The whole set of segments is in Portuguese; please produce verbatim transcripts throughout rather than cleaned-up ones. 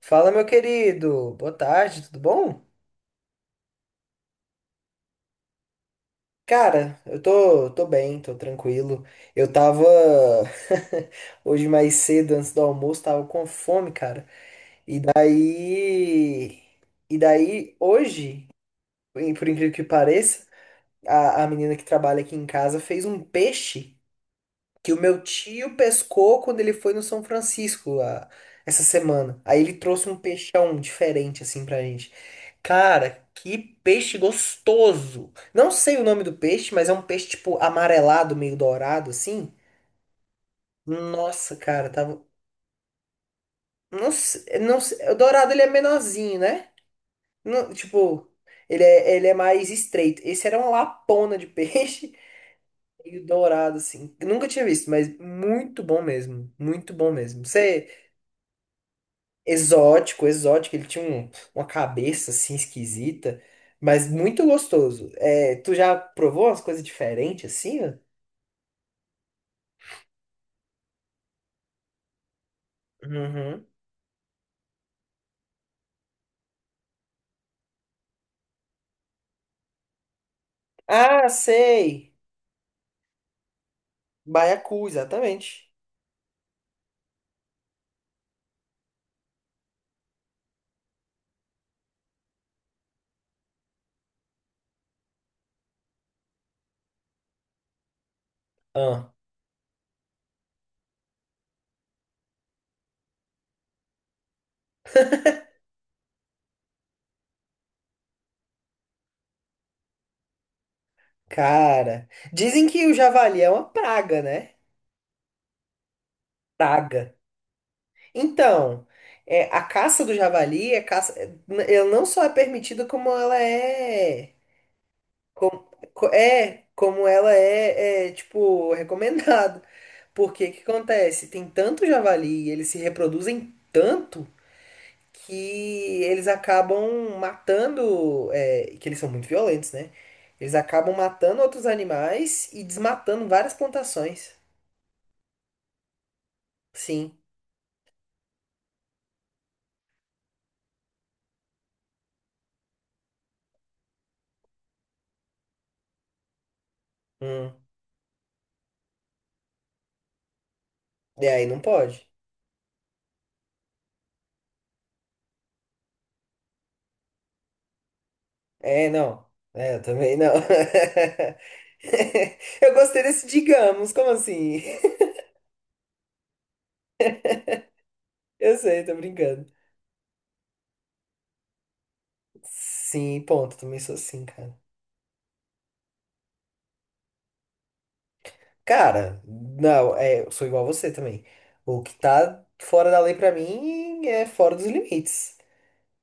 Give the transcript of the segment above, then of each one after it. Fala, meu querido. Boa tarde, tudo bom? Cara, eu tô, tô bem, tô tranquilo. Eu tava hoje mais cedo, antes do almoço, tava com fome, cara. E daí, e daí hoje, por incrível que pareça, a, a menina que trabalha aqui em casa fez um peixe que o meu tio pescou quando ele foi no São Francisco a, essa semana. Aí ele trouxe um peixão diferente assim pra gente. Cara, que peixe gostoso! Não sei o nome do peixe, mas é um peixe tipo amarelado, meio dourado assim. Nossa, cara, tava. Não sei, não sei- O dourado ele é menorzinho, né? Não, tipo, ele é, ele é mais estreito. Esse era uma lapona de peixe. E o dourado, assim. Nunca tinha visto, mas muito bom mesmo. Muito bom mesmo. Você... Exótico, exótico. Ele tinha um- uma cabeça assim esquisita, mas muito gostoso. É, tu já provou umas coisas diferentes assim, ó? Uhum. Ah, sei! Baiacu, exatamente. Ah, cara. Dizem que o javali é uma praga, né? Praga. Então, é, a caça do javali é caça, ela não só é permitida, como ela é. Com- co- é, como ela é, é, tipo, recomendado. Porque o que acontece? Tem tanto javali e eles se reproduzem tanto que eles acabam matando, é, que eles são muito violentos, né? Eles acabam matando outros animais e desmatando várias plantações. Sim. Hum. E aí não pode. É, não. É, eu também não. Eu gostei desse digamos, como assim? Eu sei, tô brincando. Sim, ponto. Também sou assim, cara. Cara, não, é, eu sou igual a você também. O que tá fora da lei pra mim é fora dos limites.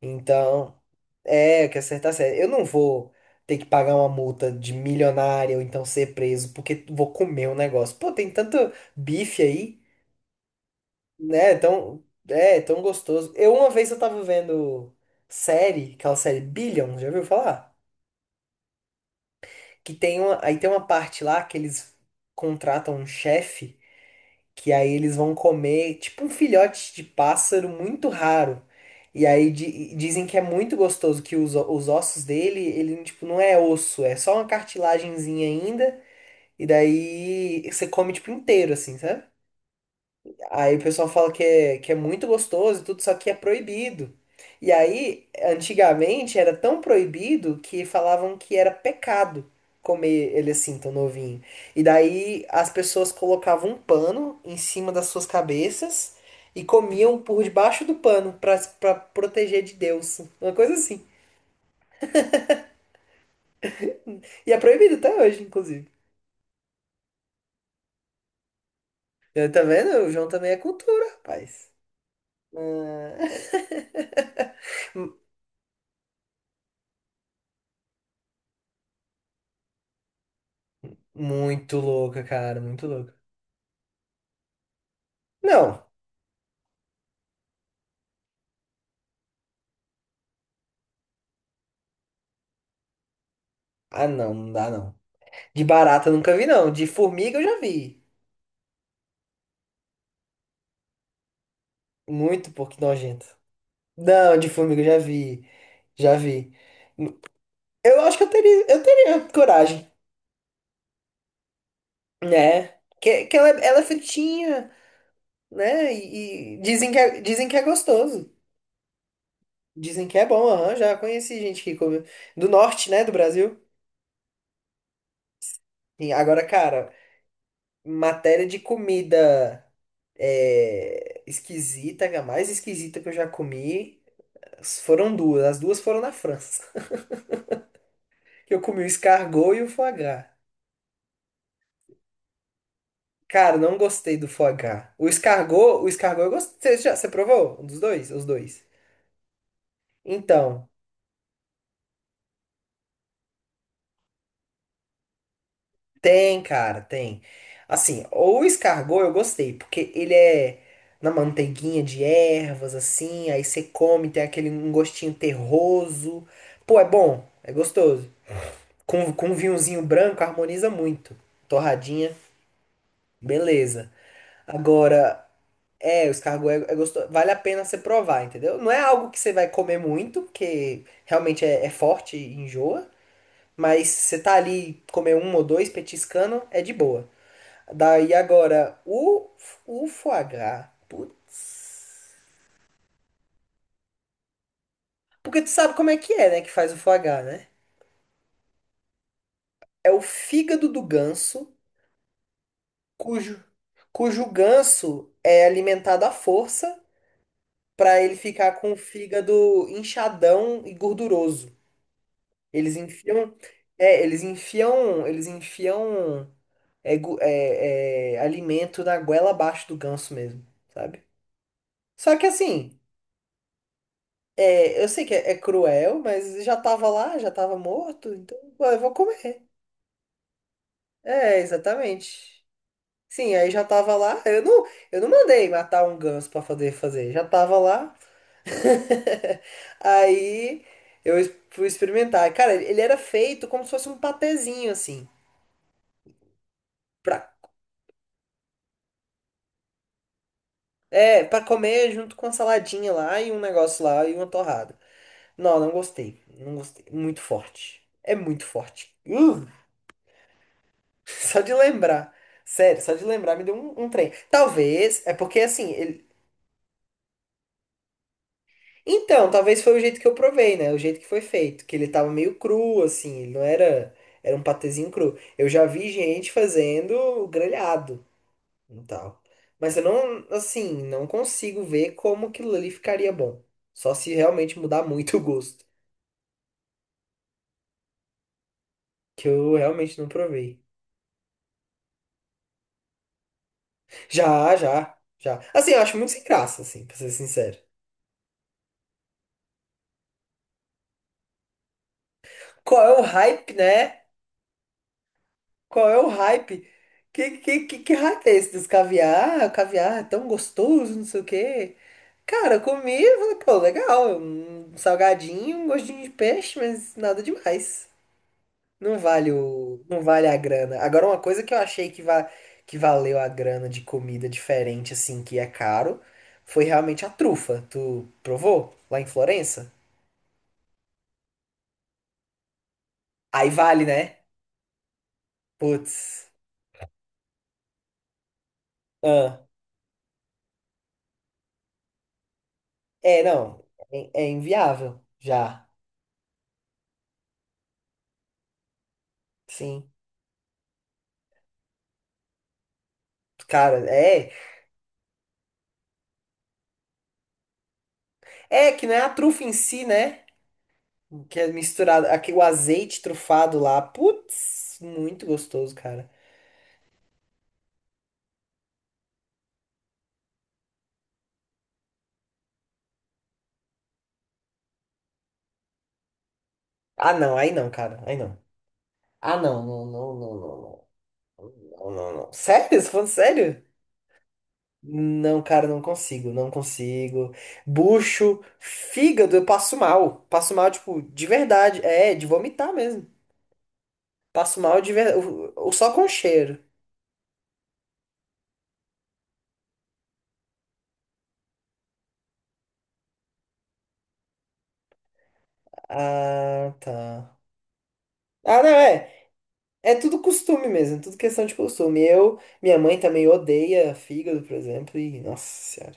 Então, é, o que acertar certo. Eu não vou ter que pagar uma multa de milionária ou então ser preso porque vou comer um negócio. Pô, tem tanto bife aí, né? Tão, é, tão gostoso. Eu uma vez eu tava vendo série, aquela série Billion, já ouviu falar? Que tem uma, aí tem uma parte lá que eles contratam um chefe que aí eles vão comer tipo um filhote de pássaro muito raro. E aí di- dizem que é muito gostoso, que os, os ossos dele, ele tipo não é osso, é só uma cartilagenzinha ainda, e daí você come tipo inteiro assim, sabe? Aí o pessoal fala que é, que é muito gostoso e tudo, só que é proibido. E aí, antigamente era tão proibido que falavam que era pecado comer ele assim, tão novinho. E daí as pessoas colocavam um pano em cima das suas cabeças e comiam por debaixo do pano pra, pra proteger de Deus. Uma coisa assim. E é proibido até hoje, inclusive. Eu, tá vendo? O João também é cultura, rapaz. Muito louca, cara, muito louca. Não. Ah, não, não dá não. De barata eu nunca vi, não. De formiga eu já vi. Muito pouco nojento. Não, de formiga eu já vi. Já vi. Eu acho que eu teria, eu teria coragem, né? Que, que ela, é- ela é fritinha, né? E, e dizem que é, dizem que é gostoso. Dizem que é bom, aham. Já conheci gente que come. Do norte, né? Do Brasil. E agora, cara, matéria de comida é, esquisita, a mais esquisita que eu já comi, foram duas. As duas foram na França, que eu comi o escargot e o foie gras. Cara, não gostei do foie gras. O escargot, o escargot eu gostei. Você, já, você provou? Um dos dois? Os dois. Então, tem, cara, tem. Assim, o escargot eu gostei, porque ele é na manteiguinha de ervas, assim, aí você come, tem aquele um gostinho terroso. Pô, é bom, é gostoso. Com, com um vinhozinho branco harmoniza muito. Torradinha, beleza. Agora, é, os cargo é, é gostoso. Vale a pena você provar, entendeu? Não é algo que você vai comer muito, porque realmente é, é forte e enjoa. Mas você tá ali comer um ou dois petiscando, é de boa. Daí agora, o, o foie gras. Putz. Porque tu sabe como é que é, né, que faz o foie gras, né? É o fígado do ganso, cujo, cujo ganso é alimentado à força para ele ficar com o fígado inchadão e gorduroso. Eles enfiam, é, eles enfiam, eles enfiam é, gu- é, é, alimento na goela abaixo do ganso mesmo, sabe? Só que assim, é, eu sei que é, é cruel, mas já tava lá, já tava morto, então pô, eu vou comer. É, exatamente. Sim, aí já tava lá. Eu não, eu não mandei matar um ganso pra fazer fazer, já tava lá. Aí eu es- fui experimentar. Cara, ele era feito como se fosse um patezinho assim. É, pra comer junto com a saladinha lá e um negócio lá e uma torrada. Não, não gostei. Não gostei. Muito forte. É muito forte. Uh, só de lembrar. Sério, só de lembrar me deu um, um trem. Talvez, é porque assim, ele... Então, talvez foi o jeito que eu provei, né? O jeito que foi feito. Que ele tava meio cru, assim. Ele não era... Era um patezinho cru. Eu já vi gente fazendo grelhado e tal. Mas eu não, assim, não consigo ver como aquilo ali ficaria bom. Só se realmente mudar muito o gosto, que eu realmente não provei. Já, já, já. Assim, eu acho muito sem graça, assim, pra ser sincero. Qual é o hype, né? Qual é o hype? Que, que, que, que hype é esse dos caviar? O caviar é tão gostoso, não sei o quê. Cara, eu comi e falei, pô, legal, um salgadinho, um gostinho de peixe, mas nada demais. Não vale o, não vale a grana. Agora, uma coisa que eu achei que, va que valeu a grana de comida diferente, assim, que é caro, foi realmente a trufa. Tu provou lá em Florença? Aí vale, né? Putz. Ah. É, não. É, é inviável. Já. Sim. Cara, é. É que não é a trufa em si, né? Que é misturado. Aqui, o azeite trufado lá. Putz, muito gostoso, cara. Ah, não. Aí não, cara. Aí não. Ah, não, não, não, não, não. Não, não, não. Sério? Você tá falando sério? Não, cara, não consigo, não consigo. Bucho, fígado, eu passo mal. Passo mal, tipo, de verdade. É, de vomitar mesmo. Passo mal de verdade. Ou só com cheiro. Ah, tá. Ah, não, é. É tudo costume mesmo, é tudo questão de costume. Eu, minha mãe também odeia fígado, por exemplo, e nossa senhora,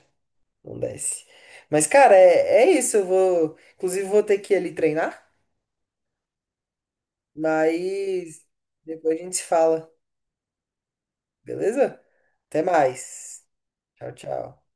não desce. Mas, cara, é, é isso. Eu vou. Inclusive, vou ter que ir ali treinar, mas depois a gente se fala. Beleza? Até mais. Tchau, tchau.